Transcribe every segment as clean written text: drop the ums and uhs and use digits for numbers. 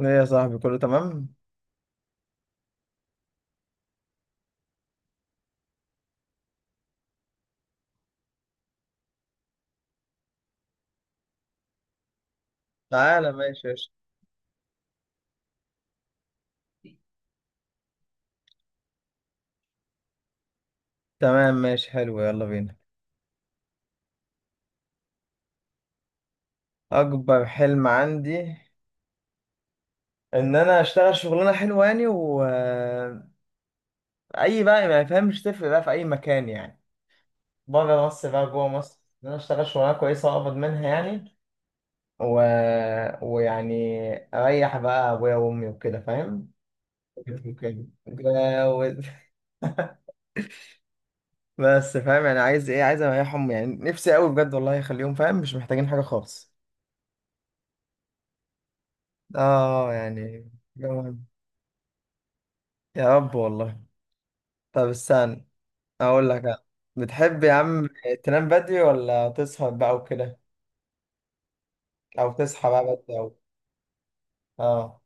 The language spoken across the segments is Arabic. ايه يا صاحبي، كله تمام. تعالى ماشي يا شيخ. تمام ماشي، حلو، يلا بينا. اكبر حلم عندي ان انا اشتغل شغلانه حلوه يعني اي بقى ما يفهمش تفرق بقى في اي مكان يعني، بره مصر بقى جوه مصر، ان انا اشتغل شغلانه كويسه واقبض منها يعني و... ويعني اريح بقى ابويا وامي وكده، فاهم؟ وكده. و- بس فاهم يعني عايز ايه؟ عايز اريحهم يعني، نفسي قوي بجد والله يخليهم، فاهم؟ مش محتاجين حاجه خالص. اه يعني. جوان. يا رب والله. طب استنى اقول لك أنا. بتحب يا عم تنام بدري ولا تسهر بقى وكده، او تصحى بقى بدري او اه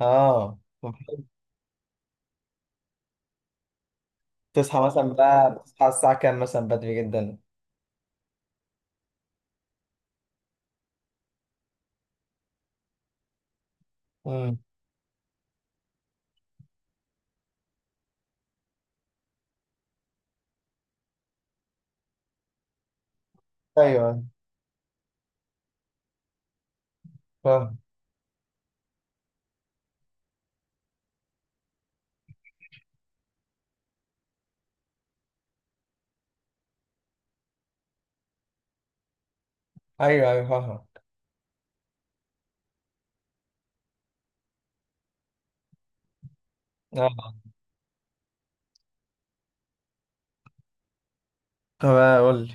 اه تصحى مثلا بقى؟ بتصحى الساعة كام مثلا؟ بدري جدا؟ امم. ايوه فاهم. ايوه ايوه فاهم. اه. طب قول لي،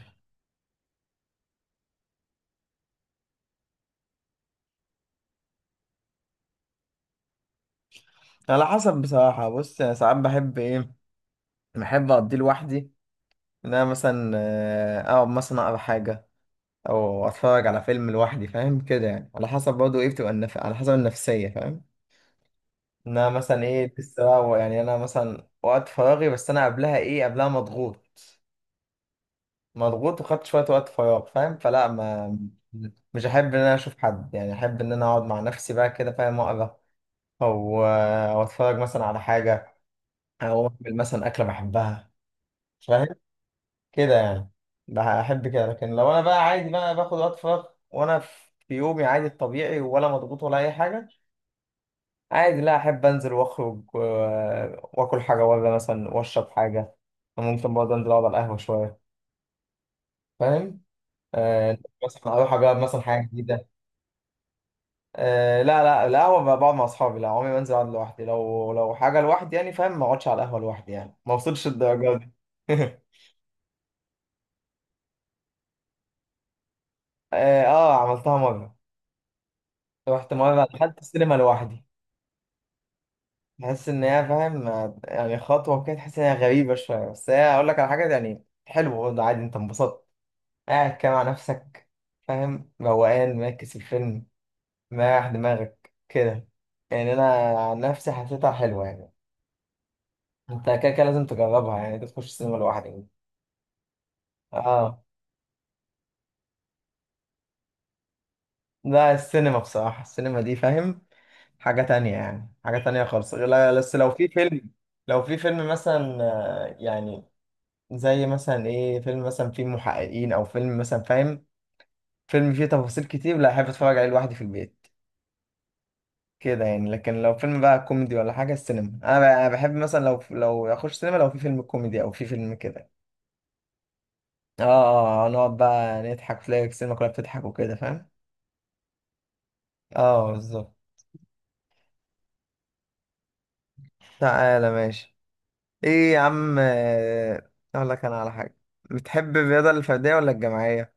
على حسب بصراحة. بص أنا ساعات بحب ايه، بحب اقضيه لوحدي، ان انا مثلا اقعد مثلا اقرا حاجة او اتفرج على فيلم لوحدي، فاهم كده يعني. على حسب برضه ايه، بتبقى على حسب النفسيه، فاهم؟ ان انا مثلا ايه لسه بقى، يعني انا مثلا وقت فراغي، بس انا قبلها ايه، قبلها مضغوط. مضغوط وخدت شويه وقت فراغ، فاهم؟ فلا ما مش احب ان انا اشوف حد، يعني احب ان انا اقعد مع نفسي بقى كده، فاهم؟ اقرا او اتفرج مثلا على حاجه، او اعمل مثلا اكله بحبها، فاهم؟ كده يعني. بحب كده. لكن لو انا بقى عادي بقى باخد وقت فراغ وانا في يومي عادي الطبيعي، ولا مضغوط ولا اي حاجه، عادي، لا احب انزل واخرج واكل حاجه بره مثلا واشرب حاجه، ممكن برضه انزل اقعد على القهوه شويه، فاهم؟ آه، مثلا اروح اجرب مثلا حاجه جديده. آه لا، القهوه بقى بقعد مع اصحابي، لا عمري ما انزل اقعد لوحدي، لو حاجه لوحدي يعني، فاهم؟ ما اقعدش على القهوه لوحدي يعني، ما وصلتش الدرجه دي. اه عملتها مره، رحت مره دخلت السينما لوحدي. تحس ان هي، فاهم؟ يعني خطوه كده، تحس ان هي غريبه شويه، بس هي اقول لك على حاجه يعني حلو برضه، عادي، انت انبسطت قاعد كده مع نفسك، فاهم؟ روقان، مركز في الفيلم، مريح دماغك كده، يعني انا عن نفسي حسيتها حلوه يعني. انت كده كده لازم تجربها يعني، تخش السينما لوحدك. اه لا، السينما بصراحه، السينما دي فاهم حاجه تانية يعني، حاجه تانية خالص. لا بس لو في فيلم، لو في فيلم مثلا يعني زي مثلا ايه، فيلم مثلا فيه محققين، او فيلم مثلا فاهم، فيلم فيه تفاصيل كتير، لا احب اتفرج عليه لوحدي في البيت كده يعني. لكن لو فيلم بقى كوميدي ولا حاجه، السينما انا بقى، أنا بحب مثلا لو اخش سينما، لو في فيلم كوميدي او في فيلم كده، اه نقعد بقى نضحك، تلاقي السينما كلها بتضحك وكده، فاهم؟ اه بالظبط. تعالى ماشي. ايه يا عم، اقول لك انا على حاجه، بتحب الرياضه الفرديه ولا الجماعيه؟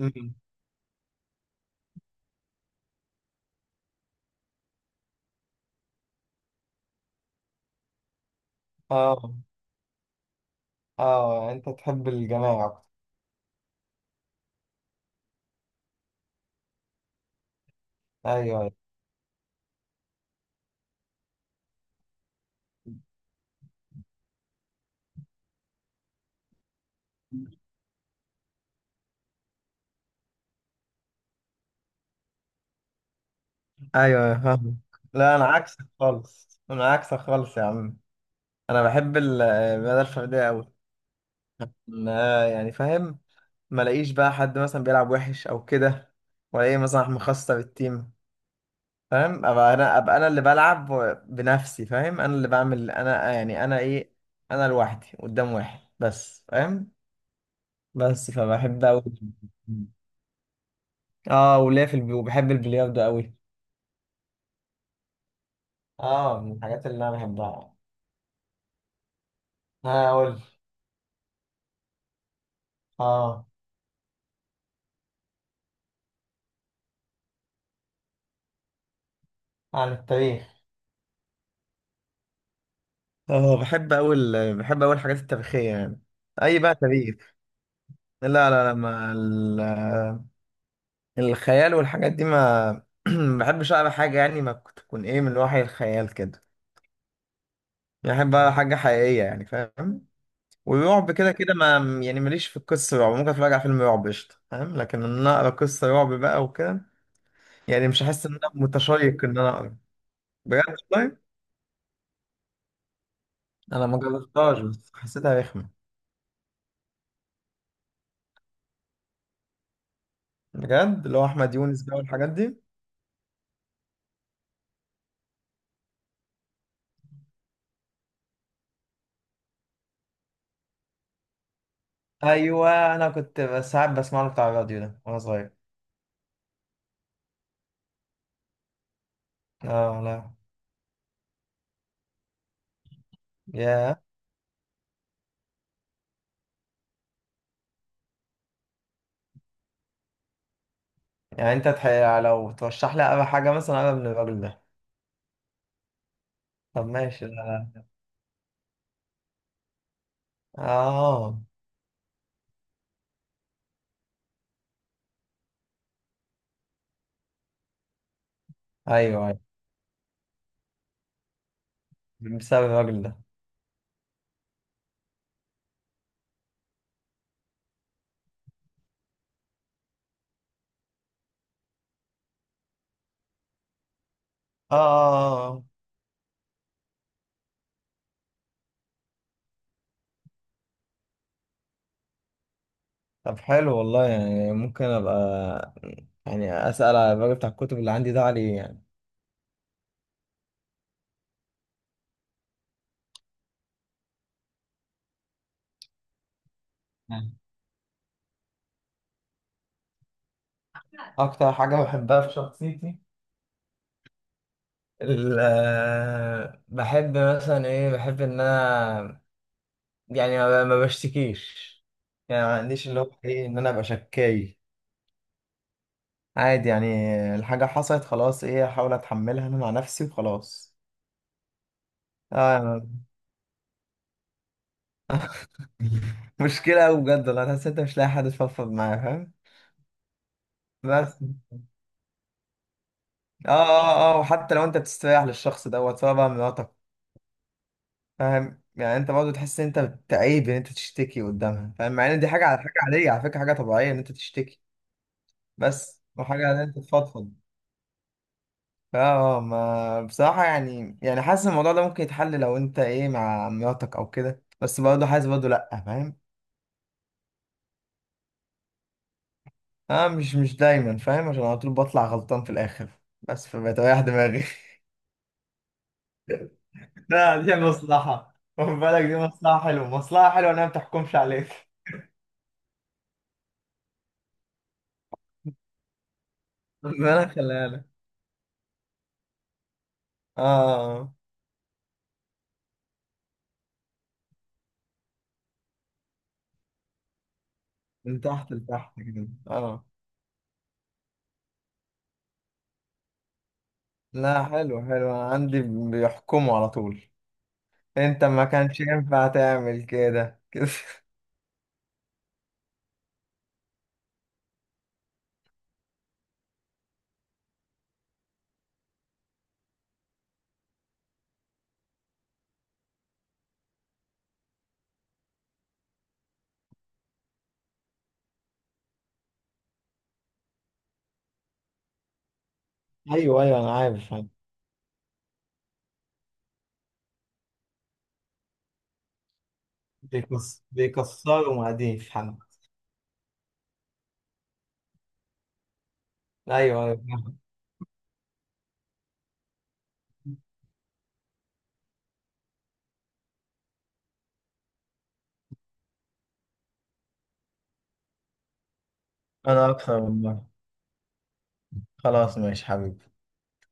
امم. اه اه انت تحب الجماعه اكتر. ايوه أيوة. ايوه فاهم. لا انا عكسك خالص، انا عكسك خالص يا عم، انا بحب المدى الفرديه قوي، ما يعني، فاهم؟ ما الاقيش بقى حد مثلا بيلعب وحش او كده، ولا ايه، مثلا احنا مخصصه بالتيم، فاهم؟ ابقى انا، ابقى انا اللي بلعب بنفسي، فاهم؟ انا اللي بعمل، انا يعني انا ايه، انا لوحدي قدام واحد بس، فاهم؟ بس فبحب قوي. اه وليا وبحب البلياردو قوي. اه من الحاجات اللي انا بحبها. ها اقول. اه عن التاريخ. اه بحب اول، بحب اول الحاجات التاريخية يعني. اي بقى تاريخ. لا ما ال... الخيال والحاجات دي ما ما بحبش اقرا حاجة يعني ما تكون ايه، من وحي الخيال كده يعني. بحب اقرا حاجة حقيقية يعني، فاهم؟ ورعب كده كده ما يعني، ماليش في القصة رعب. ممكن اتفرج على فيلم رعب قشطة، فاهم؟ لكن ان انا اقرا قصة رعب بقى وكده، يعني مش هحس ان انا متشيق ان انا اقرا. بجد والله. انا ما جربتهاش بس حسيتها رخمة. بجد، اللي هو احمد يونس بقى والحاجات دي. ايوه انا كنت بس ساعات بسمع له بتاع الراديو ده وانا صغير. اه لا يا، يعني لو ترشح لي اقرا حاجه مثلا، اقرا من الراجل ده. طب ماشي لا لا. اه. ايوه ايوه، بسبب الراجل ده. اه طب حلو والله، يعني ممكن ابقى يعني اسال على الراجل بتاع الكتب اللي عندي ده عليه يعني. اكتر حاجه بحبها في شخصيتي بحب مثلا ايه، بحب ان انا يعني ما بشتكيش، يعني ما عنديش اللي هو ايه ان انا ابقى شكاي، عادي يعني، الحاجة حصلت خلاص ايه، احاول اتحملها انا مع نفسي وخلاص. آه. مشكلة أوي بجد والله، تحس أنت مش لاقي حد تفضفض معاه، فاهم؟ بس اه وحتى لو أنت بتستريح للشخص دوت، سواء بقى مراتك، فاهم؟ يعني أنت برضه تحس إن أنت بتعيب إن أنت تشتكي قدامها، فاهم؟ مع إن دي حاجة على حاجة عادية، على فكرة حاجة طبيعية إن أنت تشتكي. بس وحاجة إن أنت تفضفض. اه ما بصراحة يعني، يعني حاسس الموضوع ده ممكن يتحل لو انت ايه مع مراتك او كده، بس برضه حاسس برضه لأ، فاهم؟ اه مش دايما فاهم، عشان على طول بطلع غلطان في الآخر، بس فبتريح دماغي. لا دي مصلحة، خد بالك دي مصلحة حلوة، مصلحة حلوة انها ما بتحكمش عليك. ربنا يخليها لك. اه آه. من تحت لتحت كده، اه. لا حلو حلو، أنا عندي بيحكموا على طول، انت ما كانش ينفع تعمل كده كده. ايوه ايوه انا عارف. بيكسروا مقاديف حنا. ايوه ايوه. انا اكثر والله. خلاص ماشي حبيبي.